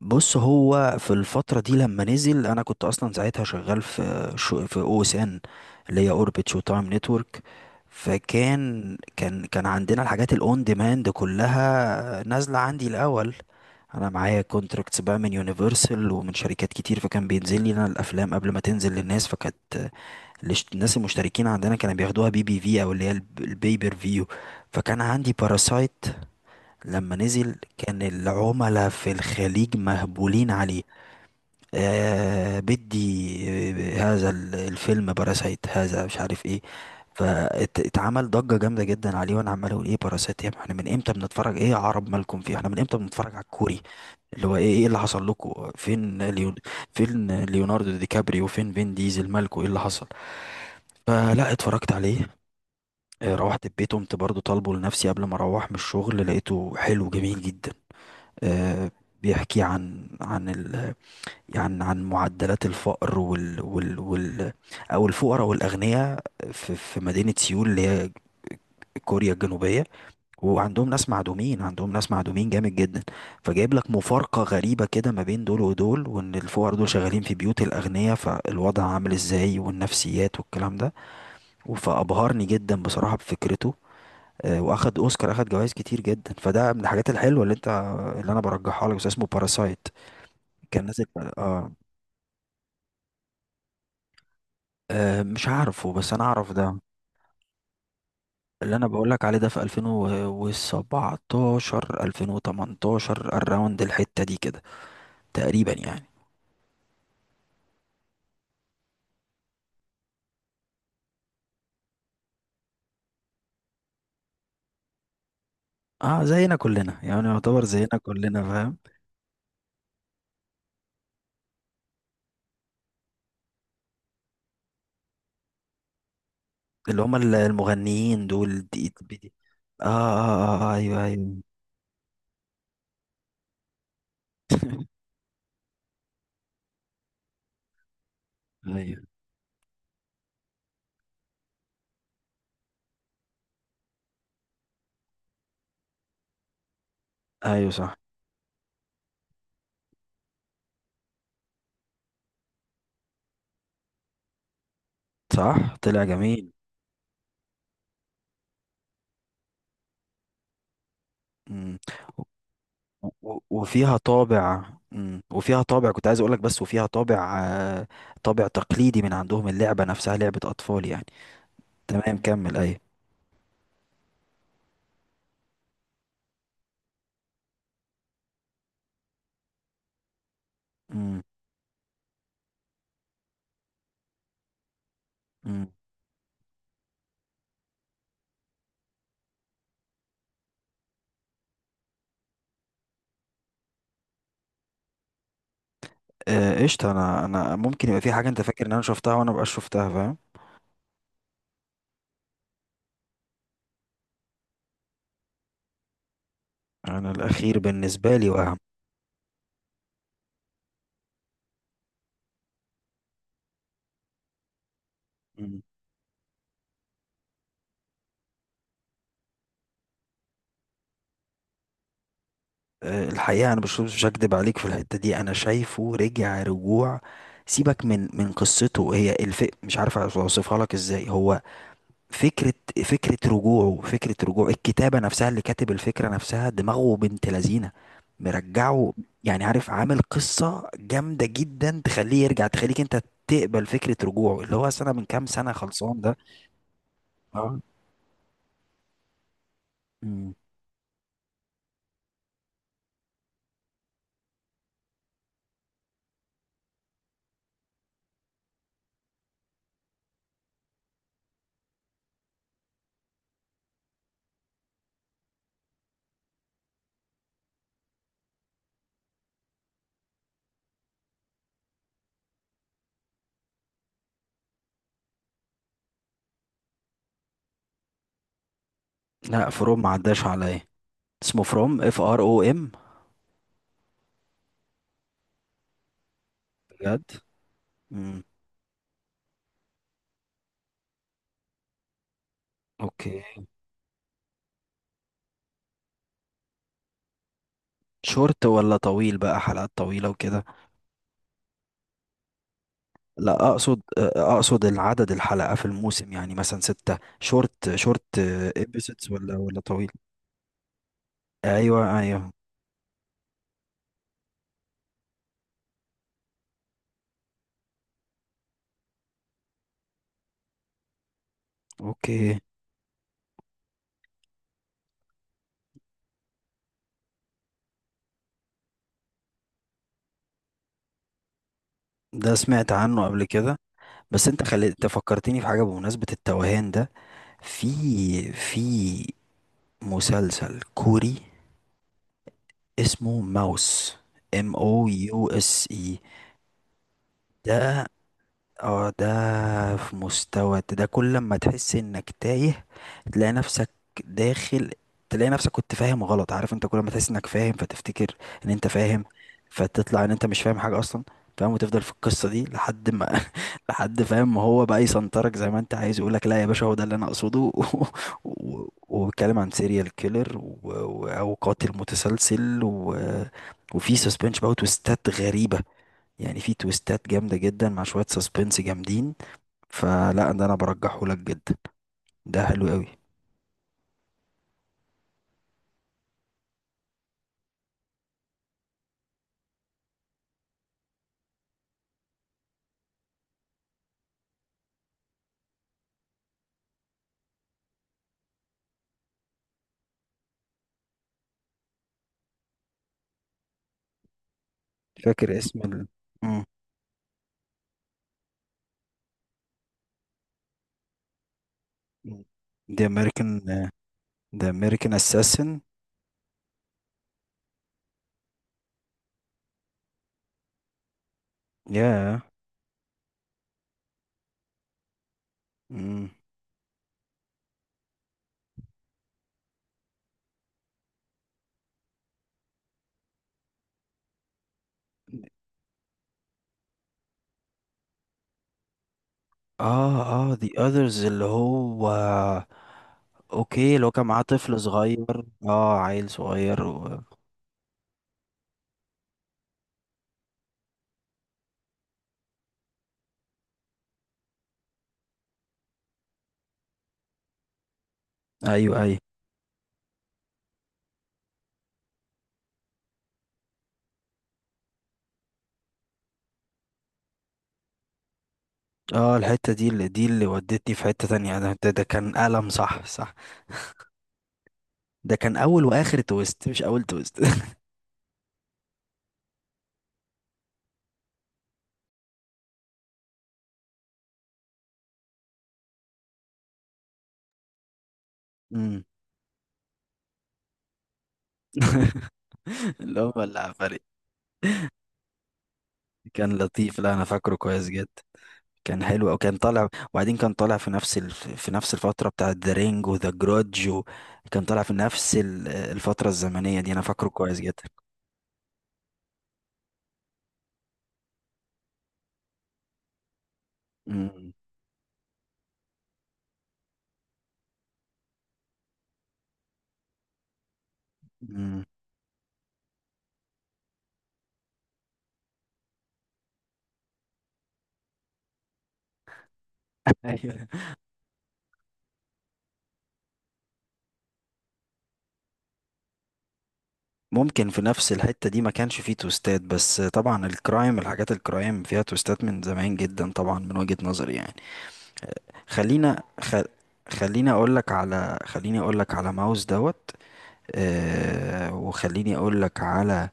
بص، هو في الفترة دي لما نزل أنا كنت أصلا ساعتها شغال في شو، في أو إس إن، اللي هي أوربت شو تايم نتورك. فكان كان كان عندنا الحاجات الأون ديماند كلها نازلة عندي الأول. أنا معايا كونتراكتس بقى من يونيفرسال ومن شركات كتير، فكان بينزل لي أنا الأفلام قبل ما تنزل للناس. فكانت الناس المشتركين عندنا كانوا بياخدوها بي بي في أو، اللي هي البيبر فيو. فكان عندي باراسايت لما نزل، كان العملاء في الخليج مهبولين عليه. آه بدي، هذا الفيلم باراسايت، هذا مش عارف ايه. فاتعمل ضجة جامدة جدا عليه، وانا عمال اقول ايه باراسايت يا ابني؟ احنا من امتى بنتفرج؟ ايه يا عرب مالكم فيه؟ احنا من امتى بنتفرج على الكوري اللي هو ايه؟ ايه اللي حصل لكم؟ فين ليوناردو دي كابريو؟ فين ديزل؟ مالكم ايه اللي حصل؟ فلا اتفرجت عليه. روحت البيت، قمت برضو طالبه لنفسي قبل ما اروح من الشغل، لقيته حلو جميل جدا. آه، بيحكي عن عن ال عن عن معدلات الفقر وال وال وال او الفقراء والاغنياء، في مدينه سيول، اللي هي كوريا الجنوبيه. وعندهم ناس معدومين، عندهم ناس معدومين جامد جدا. فجايب لك مفارقه غريبه كده ما بين دول ودول، وان الفقراء دول شغالين في بيوت الاغنياء، فالوضع عامل ازاي، والنفسيات والكلام ده. فابهرني جدا بصراحه بفكرته. واخد اوسكار، اخد جوائز كتير جدا، فده من الحاجات الحلوه اللي انا برجحها لك، بس اسمه باراسايت. كان نازل. اه. مش عارفه بس انا اعرف ده. اللي انا بقولك عليه ده في 2017 2018، الراوند الحتة دي كده تقريبا يعني. اه، زينا كلنا يعني، يعتبر زينا كلنا، فاهم؟ اللي هم المغنيين دول دي دي اه اه اه، ايوه ايوه. ايوه ايوه، صح. صح طلع جميل. مم. وفيها طابع. مم. وفيها طابع كنت عايز اقولك، بس وفيها طابع، طابع تقليدي من عندهم، اللعبة نفسها لعبة اطفال يعني. تمام كمل. ايوه. مم. مم. قشطة. انا ممكن يبقى في حاجة انت فاكر ان انا شفتها وانا مبقاش شفتها، فاهم؟ انا الاخير بالنسبة لي واهم. مم. الحقيقة انا مش هكدب عليك في الحتة دي، انا شايفه رجع رجوع. سيبك من قصته، هي الف مش عارف اوصفها لك ازاي، هو فكرة. فكرة رجوعه، فكرة رجوعه، الكتابة نفسها، اللي كاتب الفكرة نفسها دماغه بنت لذينة. مرجعه. يعني عارف، عامل قصة جامدة جدا تخليه يرجع، تخليك انت تقبل فكرة رجوعه، اللي هو سنة من كام سنة خلصان ده. اه. مم. لا، فروم ما عداش عليا. اسمه فروم، اف ار او ام. بجد. مم. اوكي. شورت ولا طويل بقى؟ حلقات طويلة وكده؟ لا، اقصد العدد، الحلقة في الموسم، يعني مثلا ستة؟ شورت شورت. ايبيسودز ولا طويل؟ ايوه ايوه. اوكي. ده سمعت عنه قبل كده. بس انت خلي، انت فكرتني في حاجة بمناسبة التوهان ده. في في مسلسل كوري اسمه ماوس، ام او يو اس اي. ده اه ده في مستوى، ده كل ما تحس انك تايه تلاقي نفسك داخل، تلاقي نفسك كنت فاهم غلط. عارف انت، كل ما تحس انك فاهم فتفتكر ان انت فاهم، فتطلع ان انت مش فاهم حاجة اصلا، فاهم؟ وتفضل في القصة دي لحد ما لحد فاهم ما هو بقى، يسنطرك زي ما انت عايز، يقولك لا يا باشا هو ده اللي انا اقصده وبيتكلم عن سيريال كيلر او قاتل متسلسل وفي سسبنش بقى وتويستات غريبة، يعني في تويستات جامدة جدا مع شوية سسبنس جامدين. فلا ده انا برجحه لك جدا، ده حلو قوي. فاكر اسم مم. The American The American Assassin. ياه. مم. اه اه، The Others اللي هو؟ اوكي، لو كان معاه طفل صغير، عيل صغير ايوه ايوه. اه، الحتة دي اللي ودتني في حتة تانية، ده كان ألم. صح صح. ده كان أول وآخر تويست، مش أول تويست. اللي هو العفاريت. كان لطيف، لا انا فاكره كويس جدا. كان حلو وكان طالع. وبعدين كان طالع في نفس في نفس الفتره بتاعه ذا رينج وذا جرودج كان طالع في نفس الفتره الزمنيه دي، انا فاكره كويس جدا. امم. امم. ايوه. ممكن في نفس الحته دي ما كانش فيه توستات، بس طبعا الكرايم، الحاجات الكرايم فيها توستات من زمان جدا طبعا، من وجهه نظري يعني. خلينا خ... خليني اقول لك على، ماوس دوت. وخليني اقول لك على.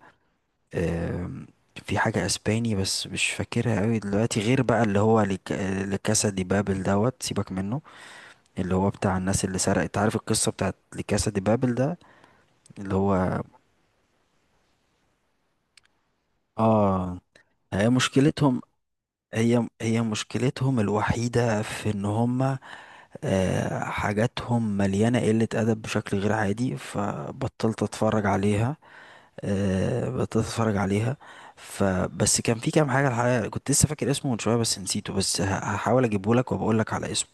آم، في حاجة اسباني بس مش فاكرها قوي دلوقتي، غير بقى اللي هو لكاسا دي بابل دوت. سيبك منه. اللي هو بتاع الناس اللي سرقت، عارف القصة بتاعت لكاسا دي بابل ده؟ اللي هو اه. هي مشكلتهم، هي مشكلتهم الوحيدة في ان هما، حاجاتهم مليانة قلة أدب بشكل غير عادي، فبطلت أتفرج عليها. بدأت اتفرج عليها، فبس كان في كام حاجه. الحقيقه كنت لسه فاكر اسمه من شويه بس نسيته، بس هحاول اجيبه لك وبقول لك على اسمه.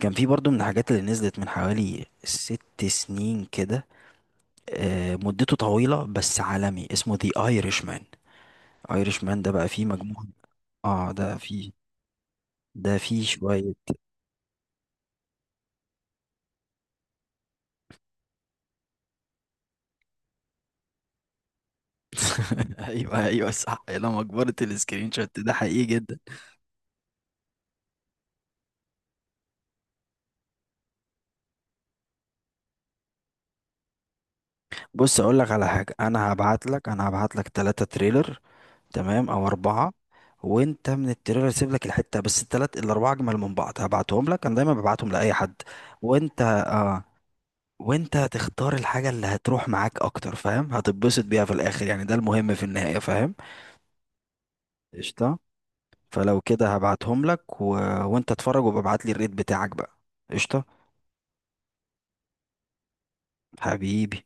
كان في برضو من الحاجات اللي نزلت من حوالي 6 سنين كده، مدته طويله بس عالمي، اسمه The Irishman. Irishman ده بقى فيه مجموعه. اه ده فيه. ده فيه شويه. ايوه ايوه صح، يا لما كبرت السكرين شوت ده حقيقي. بص، اقول لك على حاجه، انا هبعت لك، ثلاثة تريلر، تمام؟ او اربعه. وانت من التريلر سيب لك الحته بس، الثلاث الاربعه اجمل من بعض، هبعتهم لك، انا دايما ببعتهم لاي حد. وانت آه، وانت هتختار الحاجه اللي هتروح معاك اكتر، فاهم؟ هتتبسط بيها في الاخر، يعني ده المهم في النهايه، فاهم؟ قشطه. فلو كده هبعتهم لك وانت اتفرج وابعت لي الريت بتاعك بقى. قشطه. حبيبي.